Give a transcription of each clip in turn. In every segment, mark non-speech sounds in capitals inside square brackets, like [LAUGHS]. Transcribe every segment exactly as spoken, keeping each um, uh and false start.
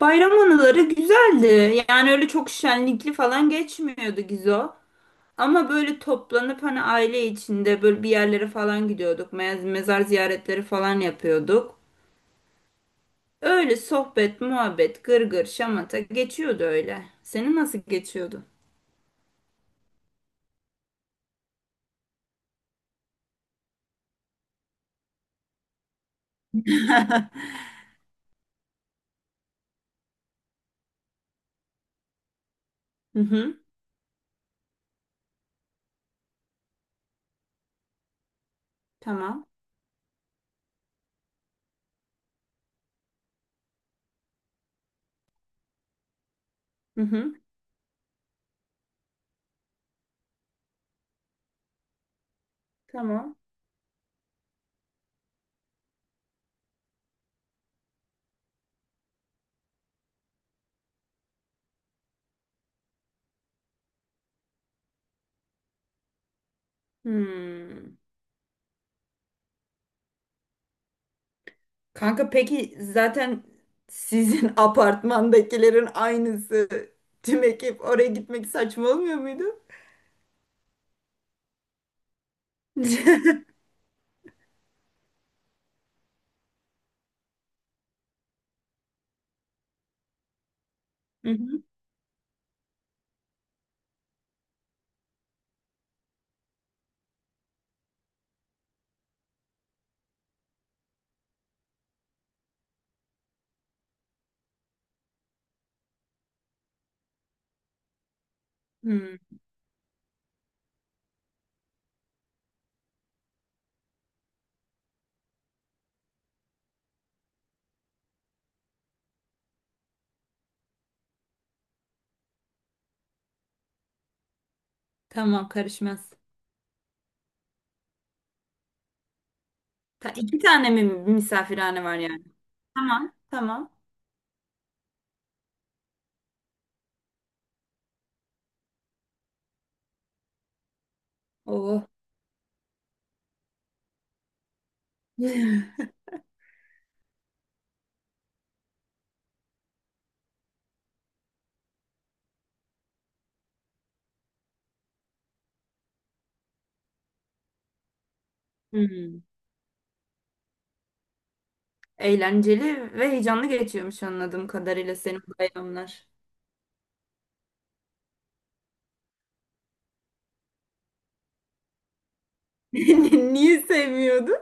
Bayram anıları güzeldi. Yani öyle çok şenlikli falan geçmiyordu Gizo. Ama böyle toplanıp hani aile içinde böyle bir yerlere falan gidiyorduk. Mez- Mezar ziyaretleri falan yapıyorduk. Öyle sohbet, muhabbet, gırgır, şamata geçiyordu öyle. Senin nasıl geçiyordu? Hı hı. Tamam. Hı hı. Tamam. Hmm. Kanka peki zaten sizin [LAUGHS] apartmandakilerin aynısı tüm ekip oraya gitmek saçma olmuyor muydu? [LAUGHS] Hı hı. Hmm, tamam karışmaz. Ta iki tane mi misafirhane var yani? Tamam, tamam. Oh. [LAUGHS] Hmm, eğlenceli ve heyecanlı geçiyormuş anladığım kadarıyla senin bayramlar. [LAUGHS] Niye sevmiyordun?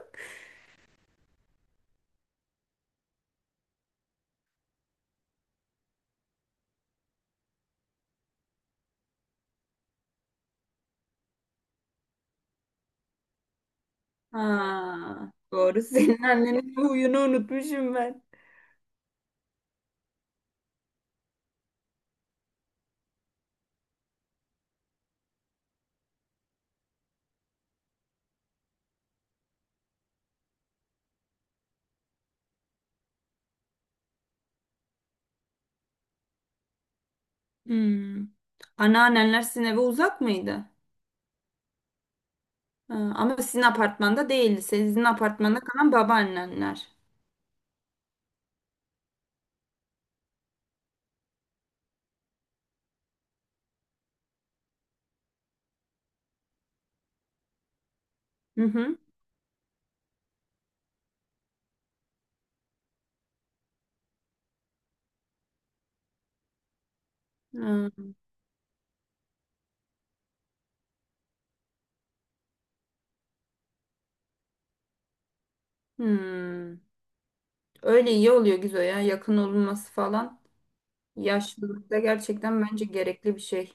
Ha, doğru. [LAUGHS] Senin annenin bu huyunu unutmuşum ben. Hmm. Anneannenler sizin eve uzak mıydı? Ha, ama sizin apartmanda değildi. Sizin apartmanda kalan babaannenler. Hı hı. Ha, hmm. Öyle iyi oluyor Gizo ya. Yakın olunması falan. Yaşlılıkta gerçekten bence gerekli bir şey.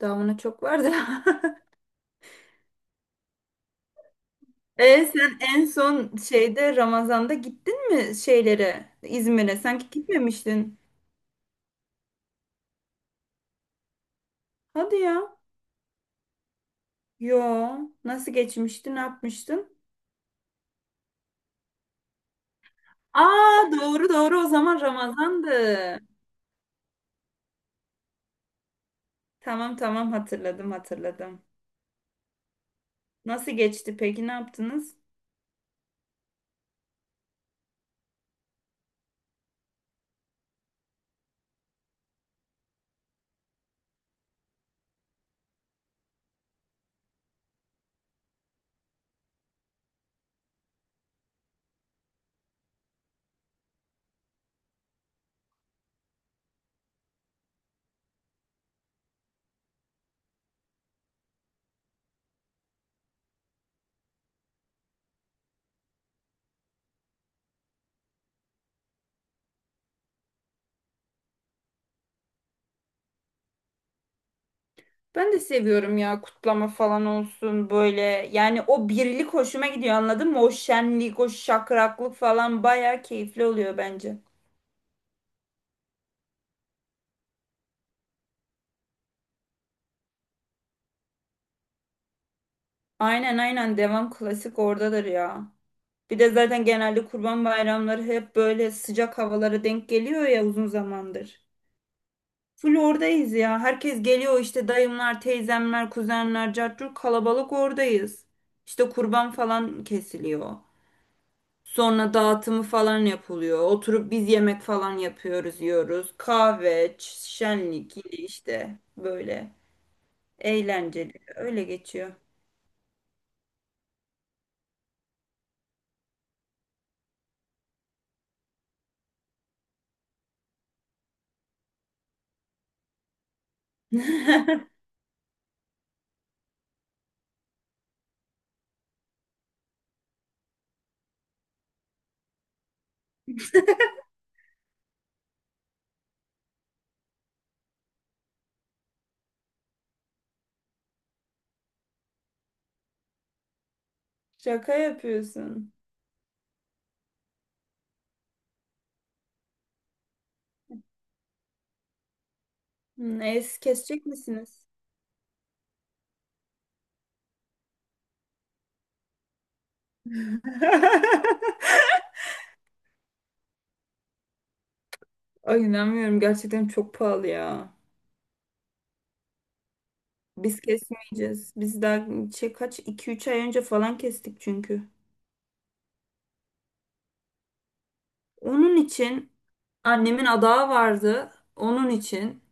Daha buna çok var da. [LAUGHS] E sen en son şeyde Ramazan'da gittin mi şeylere İzmir'e? Sanki gitmemiştin. Hadi ya. Yo. Nasıl geçmişti? Ne yapmıştın? Aa, doğru doğru o zaman Ramazan'dı. Tamam tamam, hatırladım hatırladım. Nasıl geçti peki, ne yaptınız? Ben de seviyorum ya, kutlama falan olsun böyle. Yani o birlik hoşuma gidiyor, anladın mı? O şenlik, o şakraklık falan bayağı keyifli oluyor bence. Aynen aynen, devam, klasik oradadır ya. Bir de zaten genelde kurban bayramları hep böyle sıcak havalara denk geliyor ya uzun zamandır. Full oradayız ya. Herkes geliyor işte dayımlar, teyzemler, kuzenler, cartçur, kalabalık oradayız. İşte kurban falan kesiliyor. Sonra dağıtımı falan yapılıyor. Oturup biz yemek falan yapıyoruz, yiyoruz. Kahve, ç- şenlik yine işte böyle eğlenceli. Öyle geçiyor. [LAUGHS] Şaka yapıyorsun. Hmm, es kesecek misiniz? [LAUGHS] Ay, inanmıyorum gerçekten, çok pahalı ya. Biz kesmeyeceğiz. Biz daha şey, kaç iki üç ay önce falan kestik çünkü. Onun için annemin adağı vardı. Onun için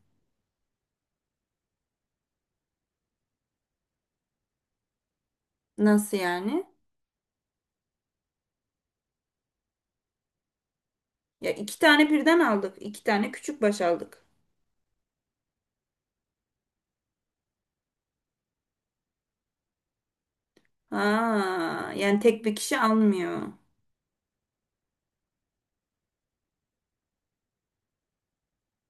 nasıl yani? Ya, iki tane birden aldık. İki tane küçük baş aldık. Ha, yani tek bir kişi almıyor.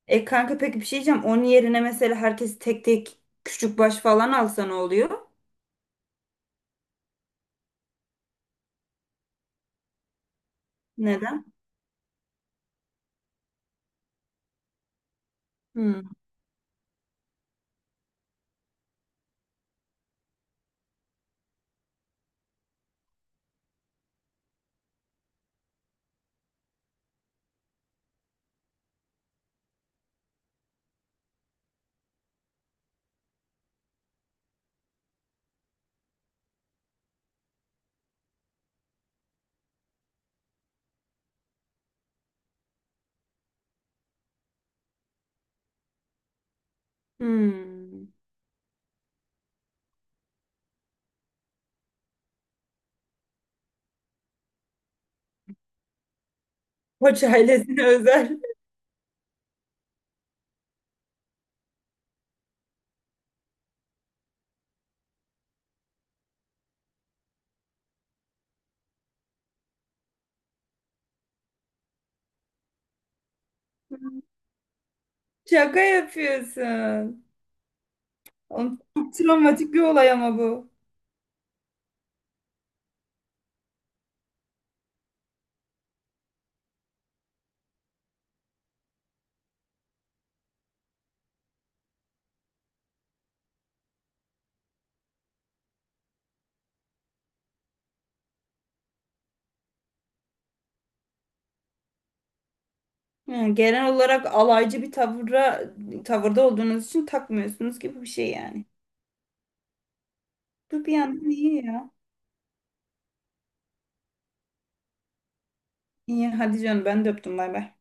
E kanka peki bir şey diyeceğim. Onun yerine mesela herkes tek tek küçük baş falan alsa ne oluyor? Neden? Hmm. Hmm. Koç ailesine [LAUGHS] özel. Hmm. Şaka yapıyorsun. Oğlum, çok travmatik bir olay ama bu. Ha, genel olarak alaycı bir tavıra, tavırda olduğunuz için takmıyorsunuz gibi bir şey yani. Bu bir yandan iyi ya. İyi hadi canım, ben de öptüm, bay bay.